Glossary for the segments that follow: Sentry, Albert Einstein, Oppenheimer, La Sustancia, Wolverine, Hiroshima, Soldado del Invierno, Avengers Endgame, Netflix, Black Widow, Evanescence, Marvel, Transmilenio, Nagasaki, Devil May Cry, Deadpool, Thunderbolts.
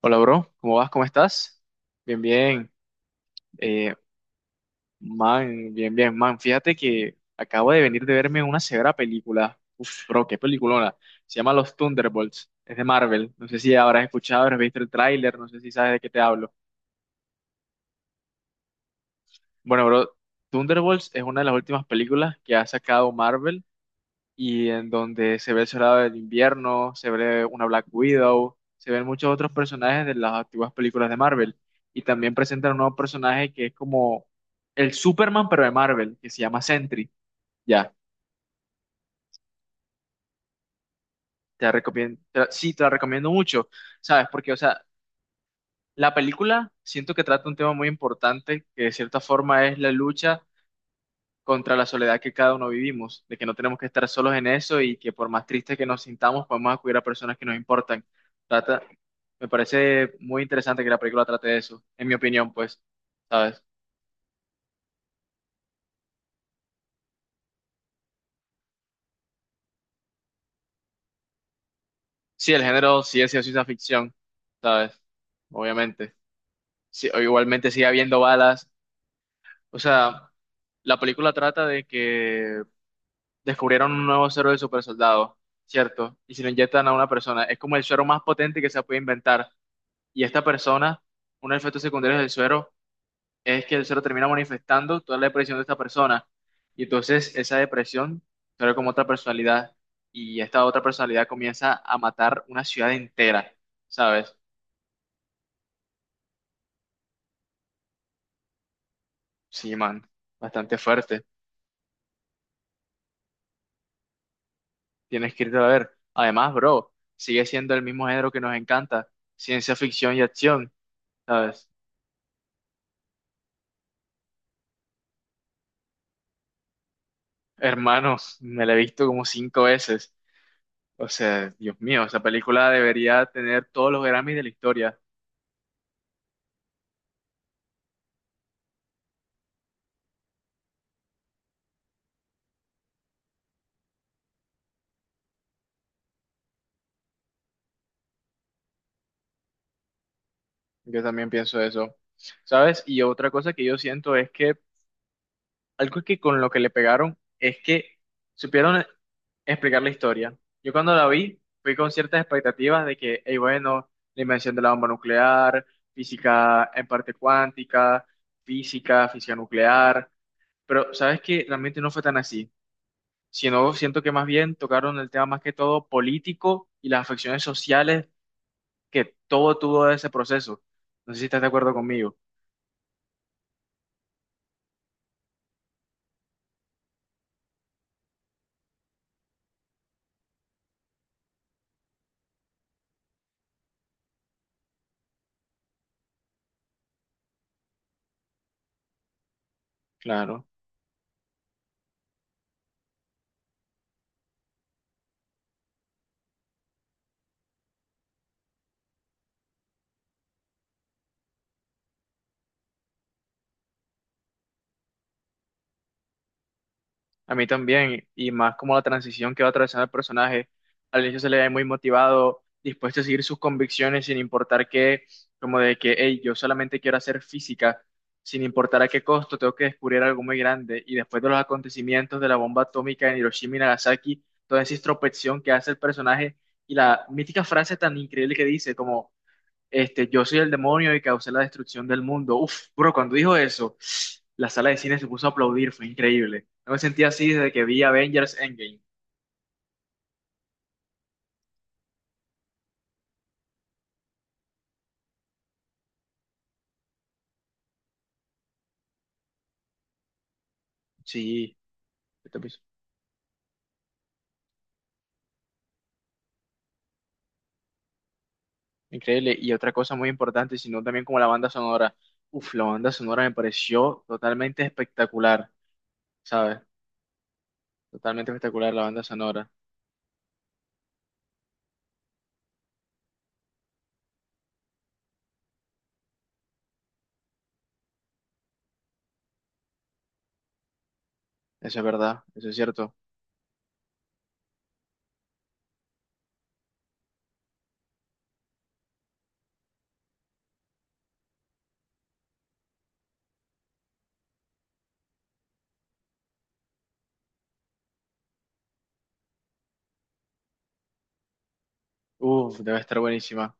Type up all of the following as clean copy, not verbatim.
Hola, bro. ¿Cómo vas? ¿Cómo estás? Bien, bien. Eh, man, bien, bien, man. Fíjate que acabo de venir de verme una severa película. Uf, bro, qué peliculona. Se llama Los Thunderbolts. Es de Marvel. No sé si habrás escuchado, habrás visto el tráiler, no sé si sabes de qué te hablo. Bueno, bro, Thunderbolts es una de las últimas películas que ha sacado Marvel y en donde se ve el Soldado del Invierno, se ve una Black Widow, se ven muchos otros personajes de las antiguas películas de Marvel. Y también presentan un nuevo personaje que es como el Superman, pero de Marvel, que se llama Sentry. Ya, te la recomiendo, sí, te la recomiendo mucho, ¿sabes? Porque, o sea, la película siento que trata un tema muy importante, que de cierta forma es la lucha contra la soledad que cada uno vivimos, de que no tenemos que estar solos en eso y que por más tristes que nos sintamos, podemos acudir a personas que nos importan. Trata, Me parece muy interesante que la película trate de eso, en mi opinión, pues, ¿sabes? Sí, el género sigue siendo ciencia ficción, ¿sabes? Obviamente. Sí, o igualmente sigue habiendo balas. O sea, la película trata de que descubrieron un nuevo suero de supersoldado, ¿cierto? Y se lo inyectan a una persona. Es como el suero más potente que se puede inventar y esta persona, uno de los efectos secundarios del suero es que el suero termina manifestando toda la depresión de esta persona. Y entonces esa depresión se ve como otra personalidad y esta otra personalidad comienza a matar una ciudad entera, ¿sabes? Sí, man, bastante fuerte. Tienes que irte a ver. Además, bro, sigue siendo el mismo género que nos encanta, ciencia ficción y acción, ¿sabes? Hermanos, me la he visto como cinco veces. O sea, Dios mío, esa película debería tener todos los Grammys de la historia. Yo también pienso eso, ¿sabes? Y otra cosa que yo siento es que algo que con lo que le pegaron es que supieron explicar la historia. Yo cuando la vi fui con ciertas expectativas de que, hey, bueno, la invención de la bomba nuclear, física en parte cuántica, física nuclear, pero ¿sabes que realmente no fue tan así, sino siento que más bien tocaron el tema más que todo político y las afecciones sociales que todo tuvo ese proceso. No sé si estás de acuerdo conmigo. Claro. A mí también, y más como la transición que va atravesando el personaje. Al inicio se le ve muy motivado, dispuesto a seguir sus convicciones sin importar qué, como de que, hey, yo solamente quiero hacer física, sin importar a qué costo, tengo que descubrir algo muy grande. Y después de los acontecimientos de la bomba atómica en Hiroshima y Nagasaki, toda esa introspección que hace el personaje y la mítica frase tan increíble que dice, como, este, yo soy el demonio y causé la destrucción del mundo. Uf, bro, cuando dijo eso, la sala de cine se puso a aplaudir, fue increíble. No me sentía así desde que vi Avengers Endgame. Sí, este episodio, increíble. Y otra cosa muy importante, sino también como la banda sonora. Uf, la banda sonora me pareció totalmente espectacular, ¿sabes? Totalmente espectacular la banda sonora. Eso es verdad, eso es cierto. Uf,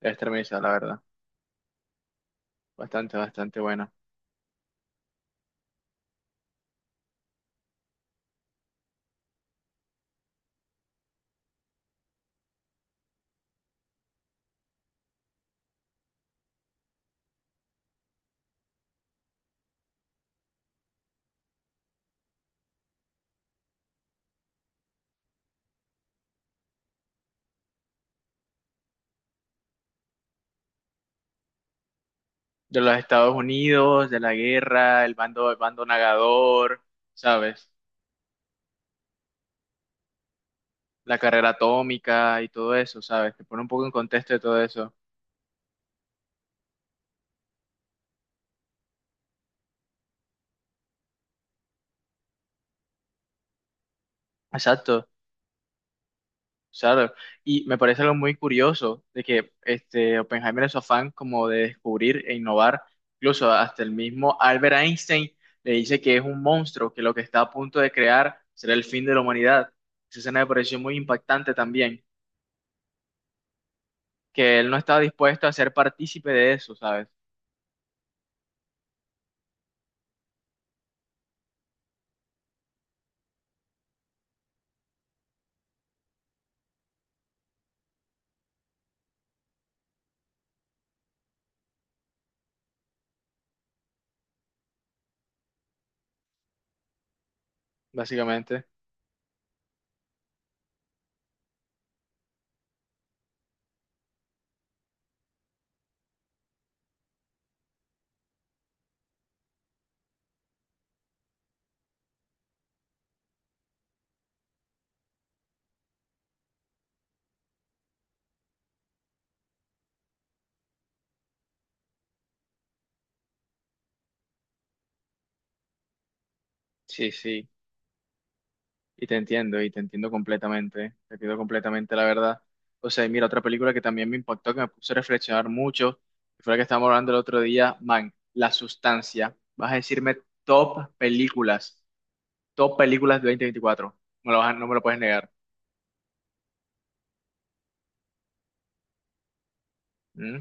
debe estar buenísima, la verdad. Bastante, bastante buena. De los Estados Unidos, de la guerra, el bando nagador, ¿sabes? La carrera atómica y todo eso, ¿sabes? Te pone un poco en contexto de todo eso. Exacto, claro. Y me parece algo muy curioso de que este Oppenheimer es su afán como de descubrir e innovar, incluso hasta el mismo Albert Einstein le dice que es un monstruo, que lo que está a punto de crear será el fin de la humanidad. Esa escena me pareció muy impactante también, que él no estaba dispuesto a ser partícipe de eso, ¿sabes? Básicamente. Sí, sí, y te entiendo completamente, la verdad. O sea, y mira, otra película que también me impactó, que me puso a reflexionar mucho, que fue la que estábamos hablando el otro día, man, La Sustancia. Vas a decirme top películas, top películas de 2024. Me lo vas a- no me lo puedes negar. ¿Mm?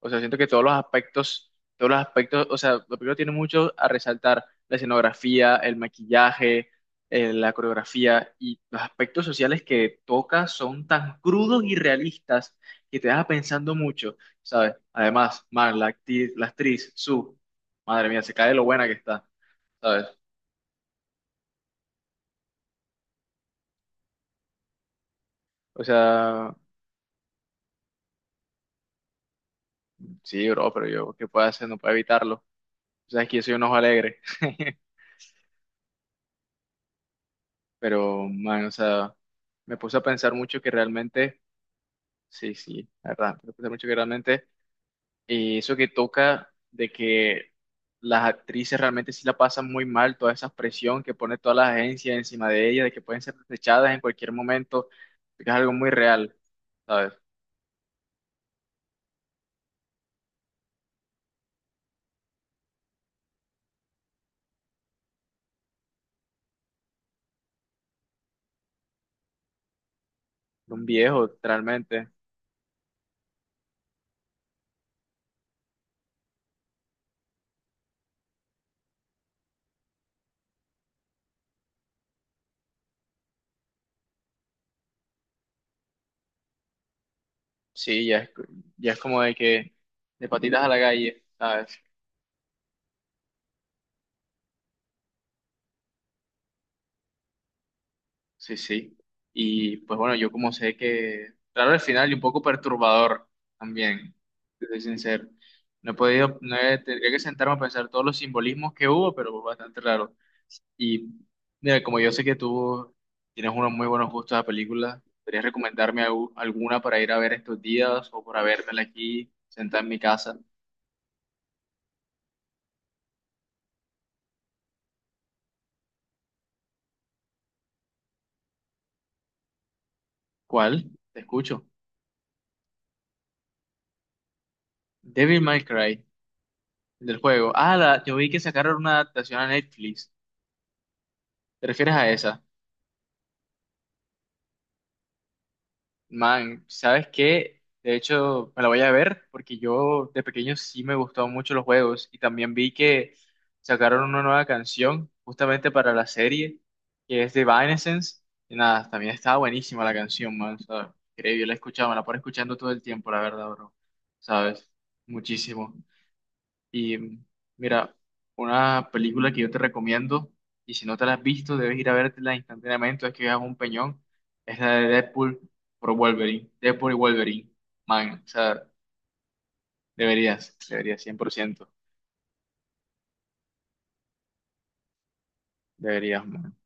O sea, siento que todos los aspectos, o sea, lo primero tiene mucho a resaltar, la escenografía, el maquillaje, la coreografía y los aspectos sociales que toca son tan crudos y realistas que te deja pensando mucho, ¿sabes? Además, Mar, la actriz, su, madre mía, se cae de lo buena que está, ¿sabes? O sea, sí, bro, pero yo, ¿qué puedo hacer? No puedo evitarlo. O sea, es que yo soy un ojo alegre. Pero, man, o sea, me puse a pensar mucho que realmente, sí, sí, la verdad, me puse a pensar mucho que realmente, y eso que toca de que las actrices realmente sí la pasan muy mal, toda esa presión que pone toda la agencia encima de ellas, de que pueden ser desechadas en cualquier momento, que es algo muy real, ¿sabes? Un viejo, realmente, sí, ya es como de que de patitas a la calle, ¿sabes? Sí, sí. Y pues bueno, yo como sé que, claro, al final y un poco perturbador también, te soy sincero. No he podido, no he, Tendría que sentarme a pensar todos los simbolismos que hubo, pero fue bastante raro. Y mira, como yo sé que tú tienes unos muy buenos gustos de películas, ¿podrías recomendarme alguna para ir a ver estos días o para vérmela aquí, sentada en mi casa? ¿Cuál? Te escucho. Devil May Cry, del juego. Ah, la, yo vi que sacaron una adaptación a Netflix. ¿Te refieres a esa? Man, ¿sabes qué? De hecho, me la voy a ver porque yo de pequeño sí me gustaban mucho los juegos y también vi que sacaron una nueva canción justamente para la serie que es de Evanescence y nada, también estaba buenísima la canción, man, o sea, increíble, la he escuchado, me la pone escuchando todo el tiempo, la verdad, bro, ¿sabes? Muchísimo. Y mm, mira, una película que yo te recomiendo, y si no te la has visto, debes ir a vértela instantáneamente, es que veas un peñón, es la de Deadpool por Wolverine, Deadpool y Wolverine, man, o sea, deberías, deberías, 100% deberías, man.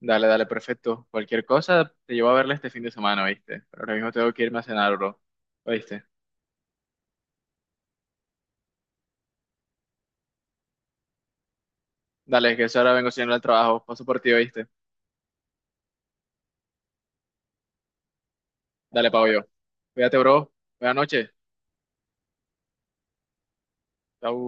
Dale, dale, perfecto. Cualquier cosa te llevo a verla este fin de semana, ¿viste? Pero ahora mismo tengo que irme a cenar, bro, viste. Dale, que eso ahora vengo siguiendo al trabajo, paso por ti, ¿oíste? Dale, pago yo. Cuídate, bro. Buenas noches. Chau.